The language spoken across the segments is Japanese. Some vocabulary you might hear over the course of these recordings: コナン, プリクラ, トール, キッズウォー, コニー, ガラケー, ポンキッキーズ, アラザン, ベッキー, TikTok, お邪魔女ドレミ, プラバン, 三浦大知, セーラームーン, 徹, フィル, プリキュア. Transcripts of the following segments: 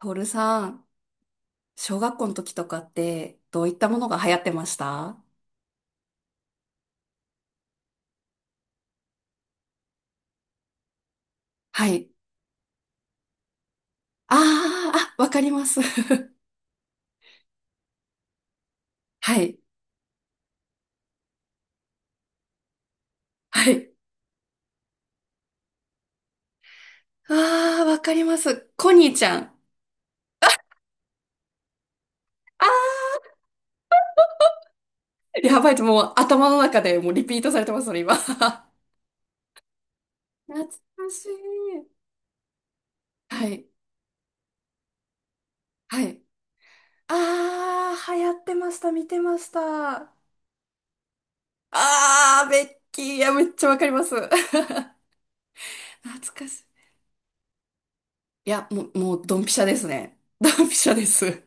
トールさん、小学校の時とかってどういったものが流行ってました？はい。あー、あ、わかります。はい。はい。あー、わかります。コニーちゃん。あー、やばい、もう頭の中でもうリピートされてます、それ今。懐かしい。はい。はい。あー、流行ってました。見てました。あー、ベッキー。いや、めっちゃわかります。懐かしい。いや、もう、もう、ドンピシャですね。ドンピシャです。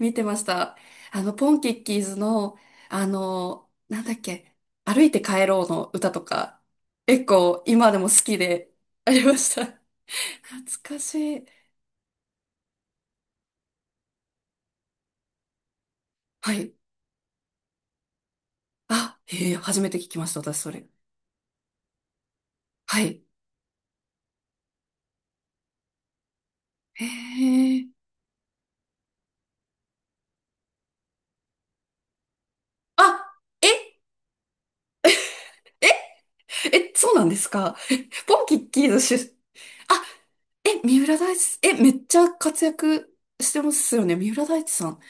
見てました。ポンキッキーズの、あの、なんだっけ、歩いて帰ろうの歌とか、結構今でも好きで。ありました。懐かしい。はい。あ、へえ、初めて聞きました、私それ。はい。へえ。あ、え、え、え、そうなんですか。え、ポンキッキーズ出、あ、え、三浦大知、え、めっちゃ活躍してますよね、三浦大知さん。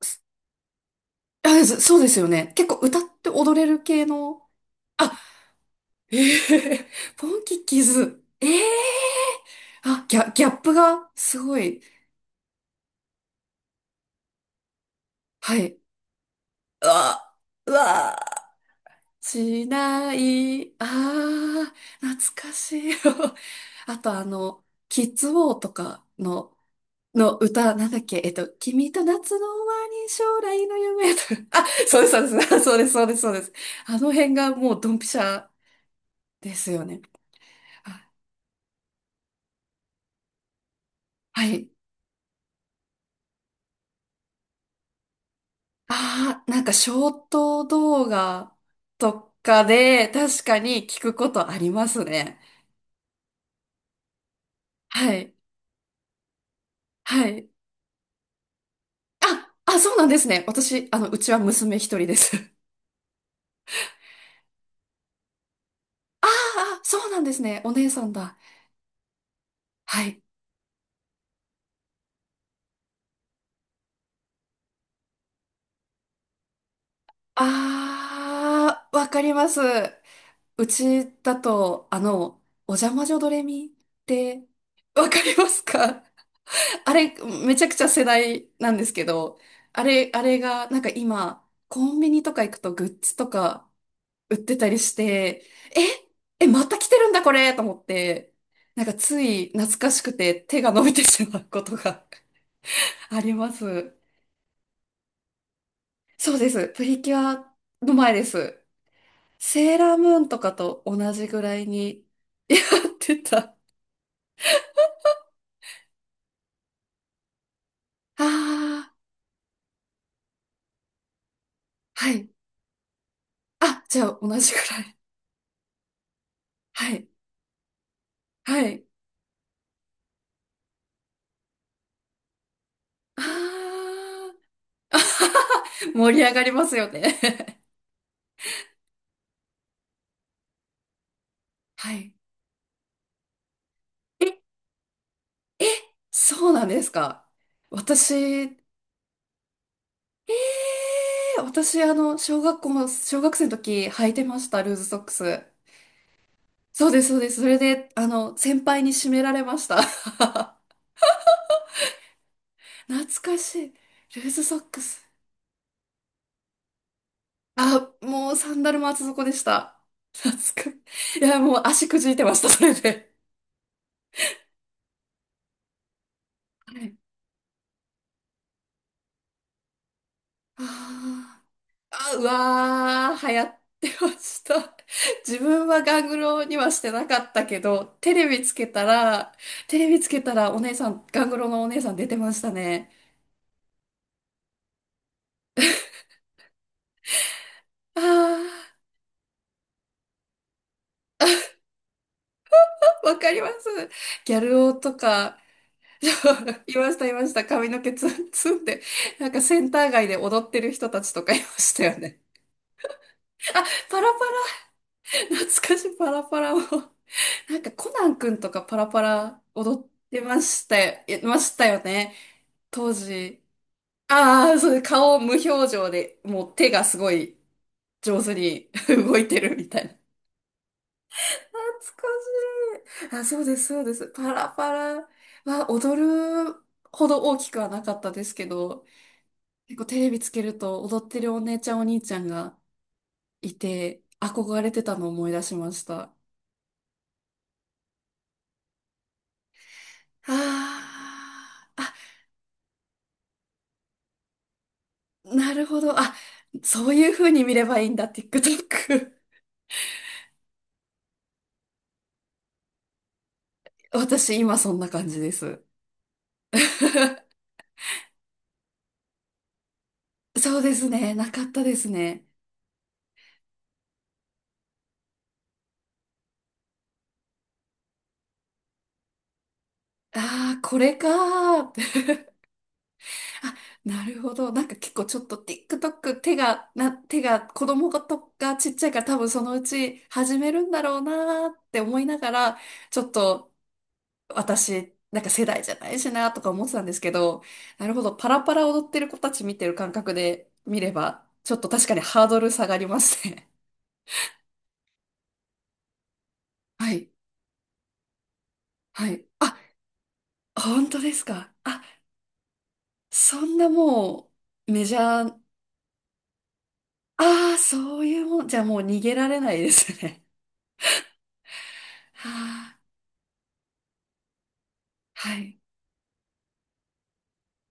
す、あ、そうですよね。結構歌って踊れる系の、あ、ええ、ポンキッキーズ。ええ、あ、ギャップがすごい。はい。うわ、うわ、しない。ああ、懐かしい。あとあの、キッズウォーとかの、の歌、なんだっけ、えっと、君と夏の終わり、将来の夢。あ、そうです、そうです、そうです、そうです、そうです。あの辺がもうドンピシャですよね。あ、はい。ああ、なんかショート動画とかで確かに聞くことありますね。はい。はい。あ、あ、そうなんですね。私、うちは娘一人です。ああ、そうなんですね。お姉さんだ。はい。ああ、わかります。うちだと、お邪魔女ドレミってわかりますか？あれ、めちゃくちゃ世代なんですけど、あれ、あれが、なんか今、コンビニとか行くとグッズとか売ってたりして、また来てるんだこれと思って、なんかつい懐かしくて手が伸びてしまうことが あります。そうです。プリキュアの前です。セーラームーンとかと同じぐらいに やってた。ああ、はい。あ、じゃあ同じぐらい。はい。はい。ああ。盛り上がりますよね。はい。え、え、そうなんですか。私、私、小学生の時履いてました、ルーズソックス。そうです、そうです。それで、先輩に締められました。懐かしい。ルーズソックス。あ、もうサンダルも厚底でした。懐か、いや、もう足くじいてました、それで。はい。ああ。あ、うわー、流行ってました。自分はガングロにはしてなかったけど、テレビつけたら、テレビつけたらお姉さん、ガングロのお姉さん出てましたね。あー、わかります。ギャル男とか、いました、いました。髪の毛ツンツンで、なんかセンター街で踊ってる人たちとかいましたよね。パラパラ、懐かしいパラパラを。なんかコナンくんとかパラパラ踊ってましたよ、いましたよね。当時。ああ、そうです。顔無表情で、もう手がすごい上手に 動いてるみたいな。懐かしい。あ、そうです、そうです。パラパラは踊るほど大きくはなかったですけど、結構テレビつけると踊ってるお姉ちゃんお兄ちゃんがいて、憧れてたのを思い出しました。あーあ、なるほど。あ、そういう風に見ればいいんだ、TikTok。私今そんな感じです。そうですね、なかったですね。ああ、これかーって。あ、なるほど。なんか結構ちょっと TikTok 手が、な、手が、子供とがちっちゃいから多分そのうち始めるんだろうなーって思いながら、ちょっと私、なんか世代じゃないしなーとか思ってたんですけど、なるほど。パラパラ踊ってる子たち見てる感覚で見れば、ちょっと確かにハードル下がりますね。はい、はい。あ、本当ですか。あ、そんなもうメジャー。ああ、そういうもん。じゃあもう逃げられないですね。はあ、はい。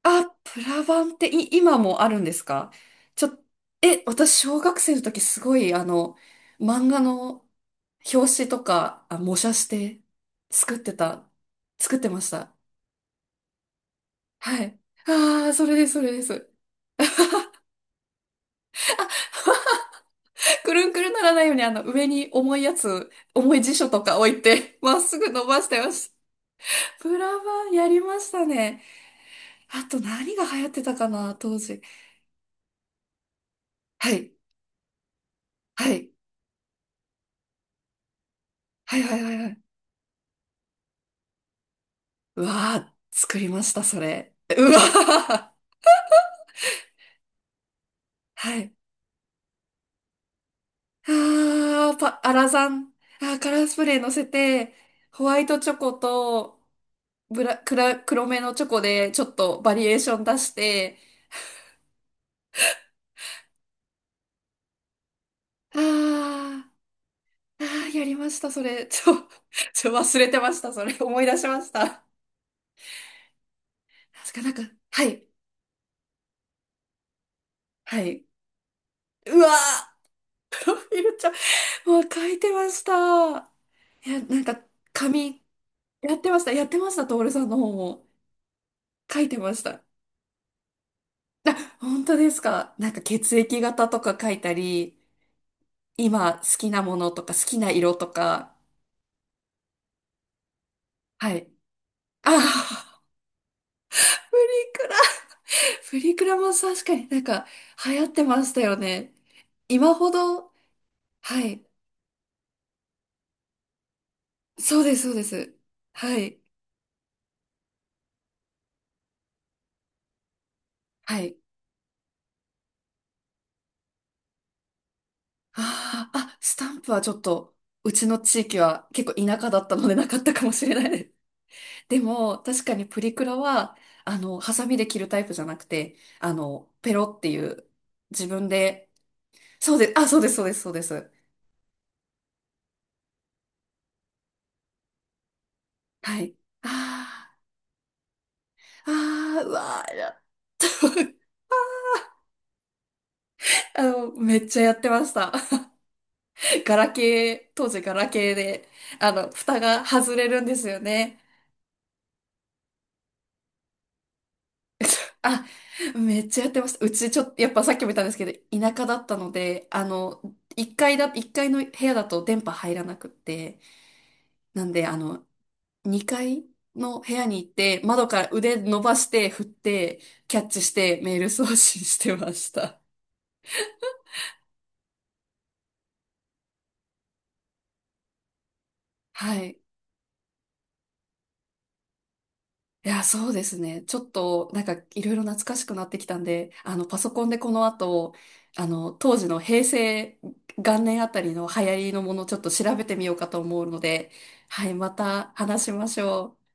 あ、プラバンってい、今もあるんですか？ちょ、え、私、小学生の時すごい、漫画の表紙とか、あ、模写して、作ってた、作ってました。はい。ああ、それです、それです。くるんくるんならないように、上に重いやつ、重い辞書とか置いて、まっすぐ伸ばしてました。プラバンやりましたね。あと何が流行ってたかな、当時。はい。はい。はいはいはいはい。うわー、作りました、それ。うわー。はい。あー、パ、アラザン。あー、カラースプレー乗せて、ホワイトチョコと、ブラ、クラ、黒めのチョコで、ちょっとバリエーション出して、あー、あー、やりました、それ。ちょ、ちょ、忘れてました、それ。思い出しました。確かなんか、はい。はい。うわー、フィルちゃん。もう書いてました。いや、なんか、紙、やってました。やってました。徹さんの方も。書いてました。あ、本当ですか。なんか血液型とか書いたり、今好きなものとか好きな色とか。はい。ああ、プリクラ。プリクラも確かになんか流行ってましたよね。今ほど、はい。そうです、そうです。はい。はい。ああ、あ、スタンプはちょっと、うちの地域は結構田舎だったのでなかったかもしれないです。でも、確かにプリクラは、ハサミで切るタイプじゃなくて、ペロっていう、自分で、そうです、あ、そうです、そうです、そうです。はい。あー、あー、うわー、や めっちゃやってました。ガラケー、当時ガラケーで、蓋が外れるんですよね。あ、めっちゃやってました。うちちょっと、やっぱさっきも言ったんですけど、田舎だったので、1階だ、一階の部屋だと電波入らなくって、なんで、2階の部屋に行って、窓から腕伸ばして、振って、キャッチしてメール送信してました。はい。いや、そうですね。ちょっと、なんか、いろいろ懐かしくなってきたんで、パソコンでこの後、当時の平成元年あたりの流行りのものをちょっと調べてみようかと思うので、はい、また話しましょう。